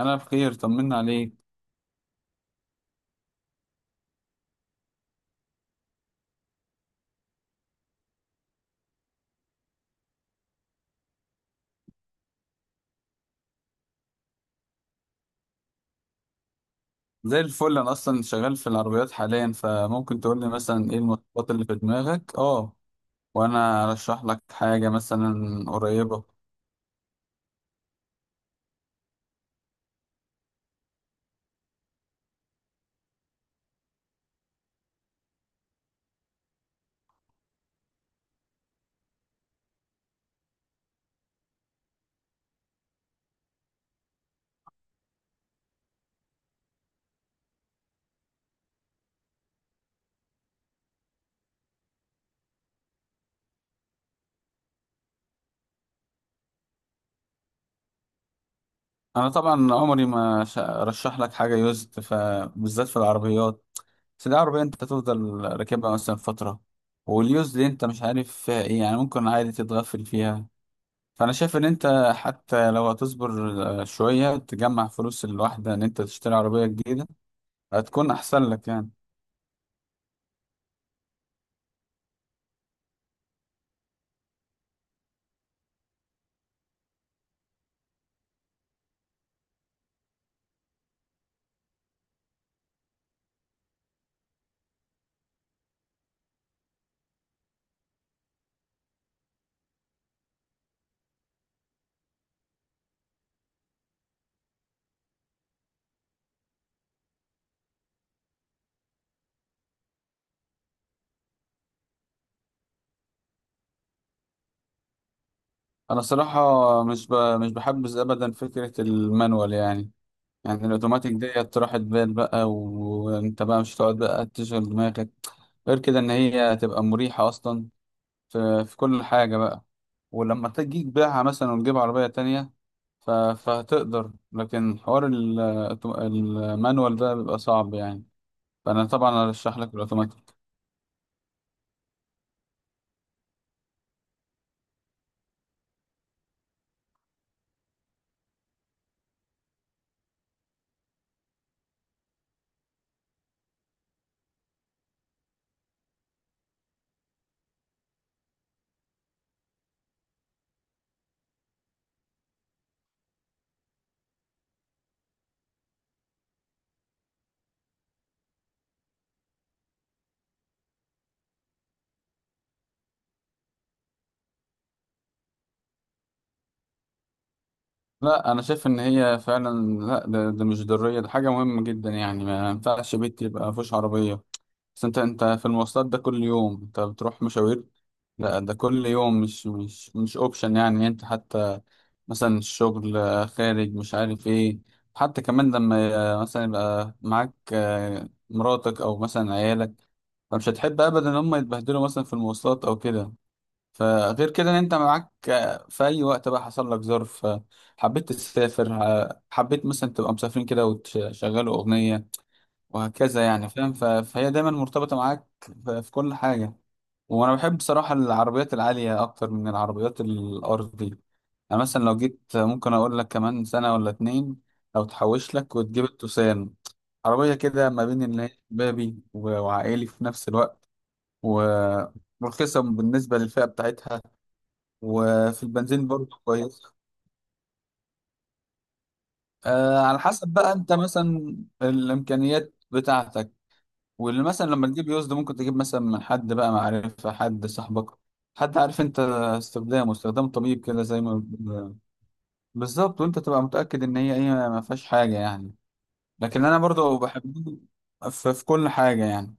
انا بخير طمنا عليك. زي الفل، انا اصلا شغال في العربيات حاليا، فممكن تقول لي مثلا ايه المواصفات اللي في دماغك. اه، وانا ارشح لك حاجه مثلا قريبه. انا طبعا عمري ما ارشح لك حاجه يوزد، فبالذات في العربيات. بس دي عربيه انت تفضل راكبها مثلا فتره، واليوزد دي انت مش عارف فيها ايه، يعني ممكن عادي تتغفل فيها. فانا شايف ان انت حتى لو هتصبر شويه تجمع فلوس الواحده ان انت تشتري عربيه جديده، هتكون احسن لك يعني. انا صراحة مش بحبذ ابدا فكرة المانوال يعني. يعني الاوتوماتيك ديت راحت بال بقى، وانت بقى مش هتقعد بقى تشغل دماغك، غير كده ان هي تبقى مريحة اصلا في كل حاجة بقى. ولما تجي تبيعها مثلا وتجيب عربية تانية فهتقدر، لكن حوار المانوال ده بيبقى صعب يعني. فانا طبعا ارشح لك الاوتوماتيك. لا انا شايف ان هي فعلا، لا ده مش ضرورية، ده حاجة مهمة جدا يعني. ما ينفعش بيت يبقى مفيهوش عربية. بس انت في المواصلات ده كل يوم انت بتروح مشاوير، لا ده كل يوم مش اوبشن يعني. انت حتى مثلا الشغل خارج مش عارف ايه، حتى كمان لما مثلا يبقى معاك مراتك او مثلا عيالك، فمش هتحب ابدا ان هم يتبهدلوا مثلا في المواصلات او كده. فغير كده ان انت معاك في اي وقت بقى حصل لك ظرف، حبيت تسافر، حبيت مثلا تبقى مسافرين كده وتشغلوا اغنية، وهكذا يعني فاهم. فهي دايما مرتبطة معاك في كل حاجة. وانا بحب بصراحة العربيات العالية اكتر من العربيات الارضي. انا مثلا لو جيت ممكن اقول لك كمان سنة ولا اتنين، لو تحوش لك وتجيب التوسان، عربية كده ما بين اللي هي شبابي وعائلي في نفس الوقت، ورخيصة بالنسبة للفئة بتاعتها، وفي البنزين برضه كويس. آه، على حسب بقى انت مثلا الامكانيات بتاعتك. واللي مثلا لما تجيب يوزد ممكن تجيب مثلا من حد بقى معرفة، حد صاحبك، حد عارف انت استخدامه، استخدام طبيب كده زي ما بيقولوا. بالظبط، وانت تبقى متأكد ان هي ايه ما فيهاش حاجة يعني. لكن انا برضو بحب في كل حاجة يعني.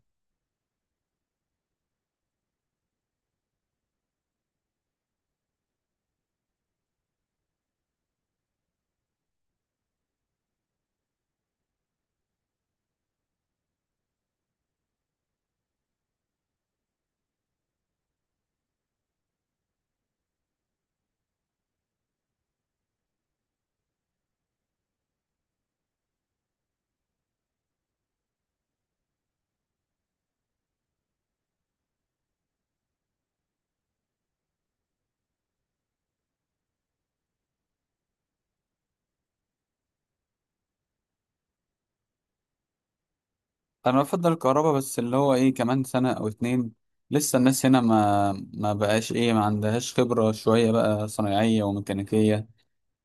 انا بفضل الكهرباء، بس اللي هو ايه كمان سنة او اتنين. لسه الناس هنا ما بقاش ايه ما عندهاش خبرة شوية بقى، صنايعية وميكانيكية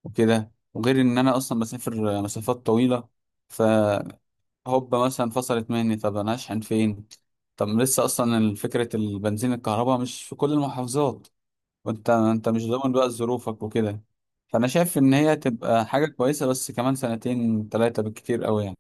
وكده. وغير ان انا اصلا بسافر مسافات طويلة، هوب مثلا فصلت مني، طب انا اشحن فين؟ طب لسه اصلا فكره البنزين الكهرباء مش في كل المحافظات، وانت انت مش ضامن بقى ظروفك وكده. فانا شايف ان هي تبقى حاجه كويسه، بس كمان سنتين ثلاثه بالكتير قوي يعني.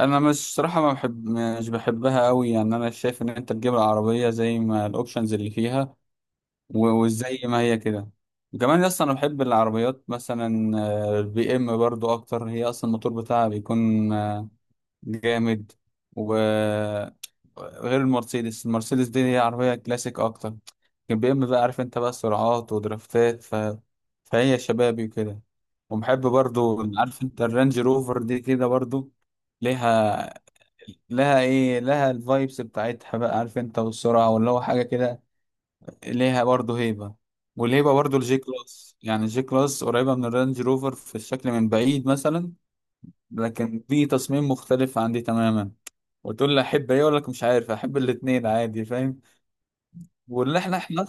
انا مش صراحه ما بحب، مش بحبها قوي يعني. انا شايف ان انت تجيب العربيه زي ما الاوبشنز اللي فيها وزي ما هي كده. وكمان اصلا انا بحب العربيات مثلا البي ام برضو اكتر، هي اصلا الموتور بتاعها بيكون جامد. وغير المرسيدس دي هي عربية كلاسيك أكتر، لكن بي إم بقى عارف أنت بقى سرعات ودرافتات. فهي شبابي وكده. وبحب برضو عارف أنت الرانج روفر دي كده برضو ليها لها إيه لها الفايبس بتاعتها بقى، عارف أنت، والسرعة واللي هو حاجة كده. ليها برضو هيبة. والهيبة برضو الجي كلاس، يعني الجي كلاس قريبة من الرانج روفر في الشكل من بعيد مثلا، لكن دي تصميم مختلف عن دي تماما. وتقول لي احب ايه؟ اقول لك مش عارف، احب الاتنين عادي فاهم. وان احنا.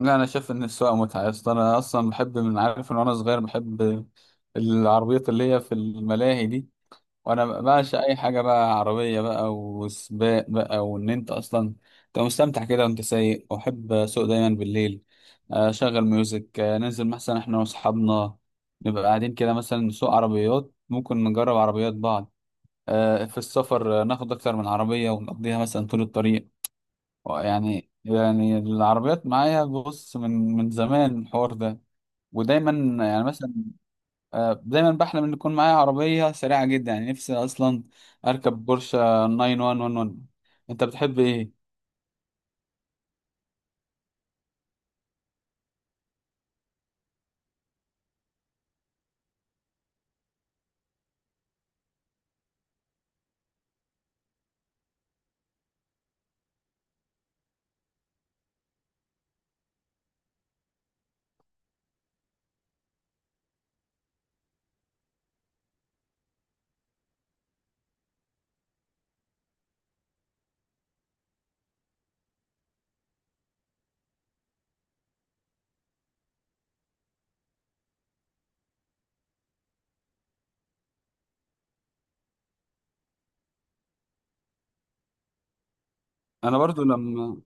لا انا شايف ان السواقه متعه يا اسطى. انا اصلا بحب من عارف ان وانا صغير، بحب العربيات اللي هي في الملاهي دي. وانا بعشق اي حاجه بقى عربيه بقى وسباق بقى، وان انت اصلا انت مستمتع كده وانت سايق. واحب اسوق دايما بالليل، اشغل ميوزك. ننزل مثلا احنا واصحابنا نبقى قاعدين كده مثلا نسوق عربيات، ممكن نجرب عربيات بعض. في السفر ناخد أكتر من عربية ونقضيها مثلا طول الطريق. يعني العربيات معايا بص من زمان الحوار ده. ودايما يعني مثلا، دايما بحلم إن يكون معايا عربية سريعة جدا، يعني نفسي أصلا أركب بورشة 911. أنت بتحب إيه؟ أنا برضو لما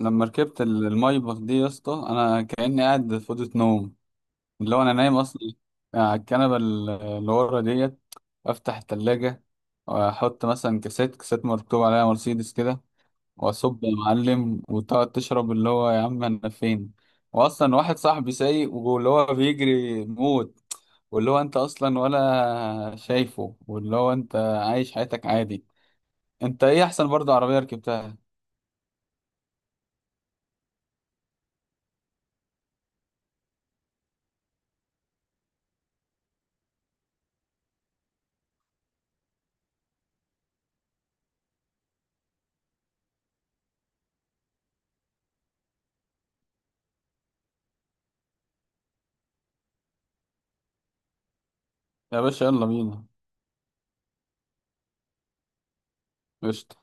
لما ركبت المايباخ دي يا اسطى، أنا كأني قاعد في أوضة نوم، اللي هو انا نايم اصلا على الكنبه اللي ورا ديت. افتح التلاجة، واحط مثلا كاسات كاسات مكتوب عليها مرسيدس كده، واصب يا معلم، وتقعد تشرب. اللي هو يا عم انا فين؟ واصلا واحد صاحبي سايق واللي هو بيجري موت، واللي هو انت اصلا ولا شايفه، واللي هو انت عايش حياتك عادي. انت ايه احسن برضه عربيه ركبتها؟ يا باشا يلا بينا. قشطة.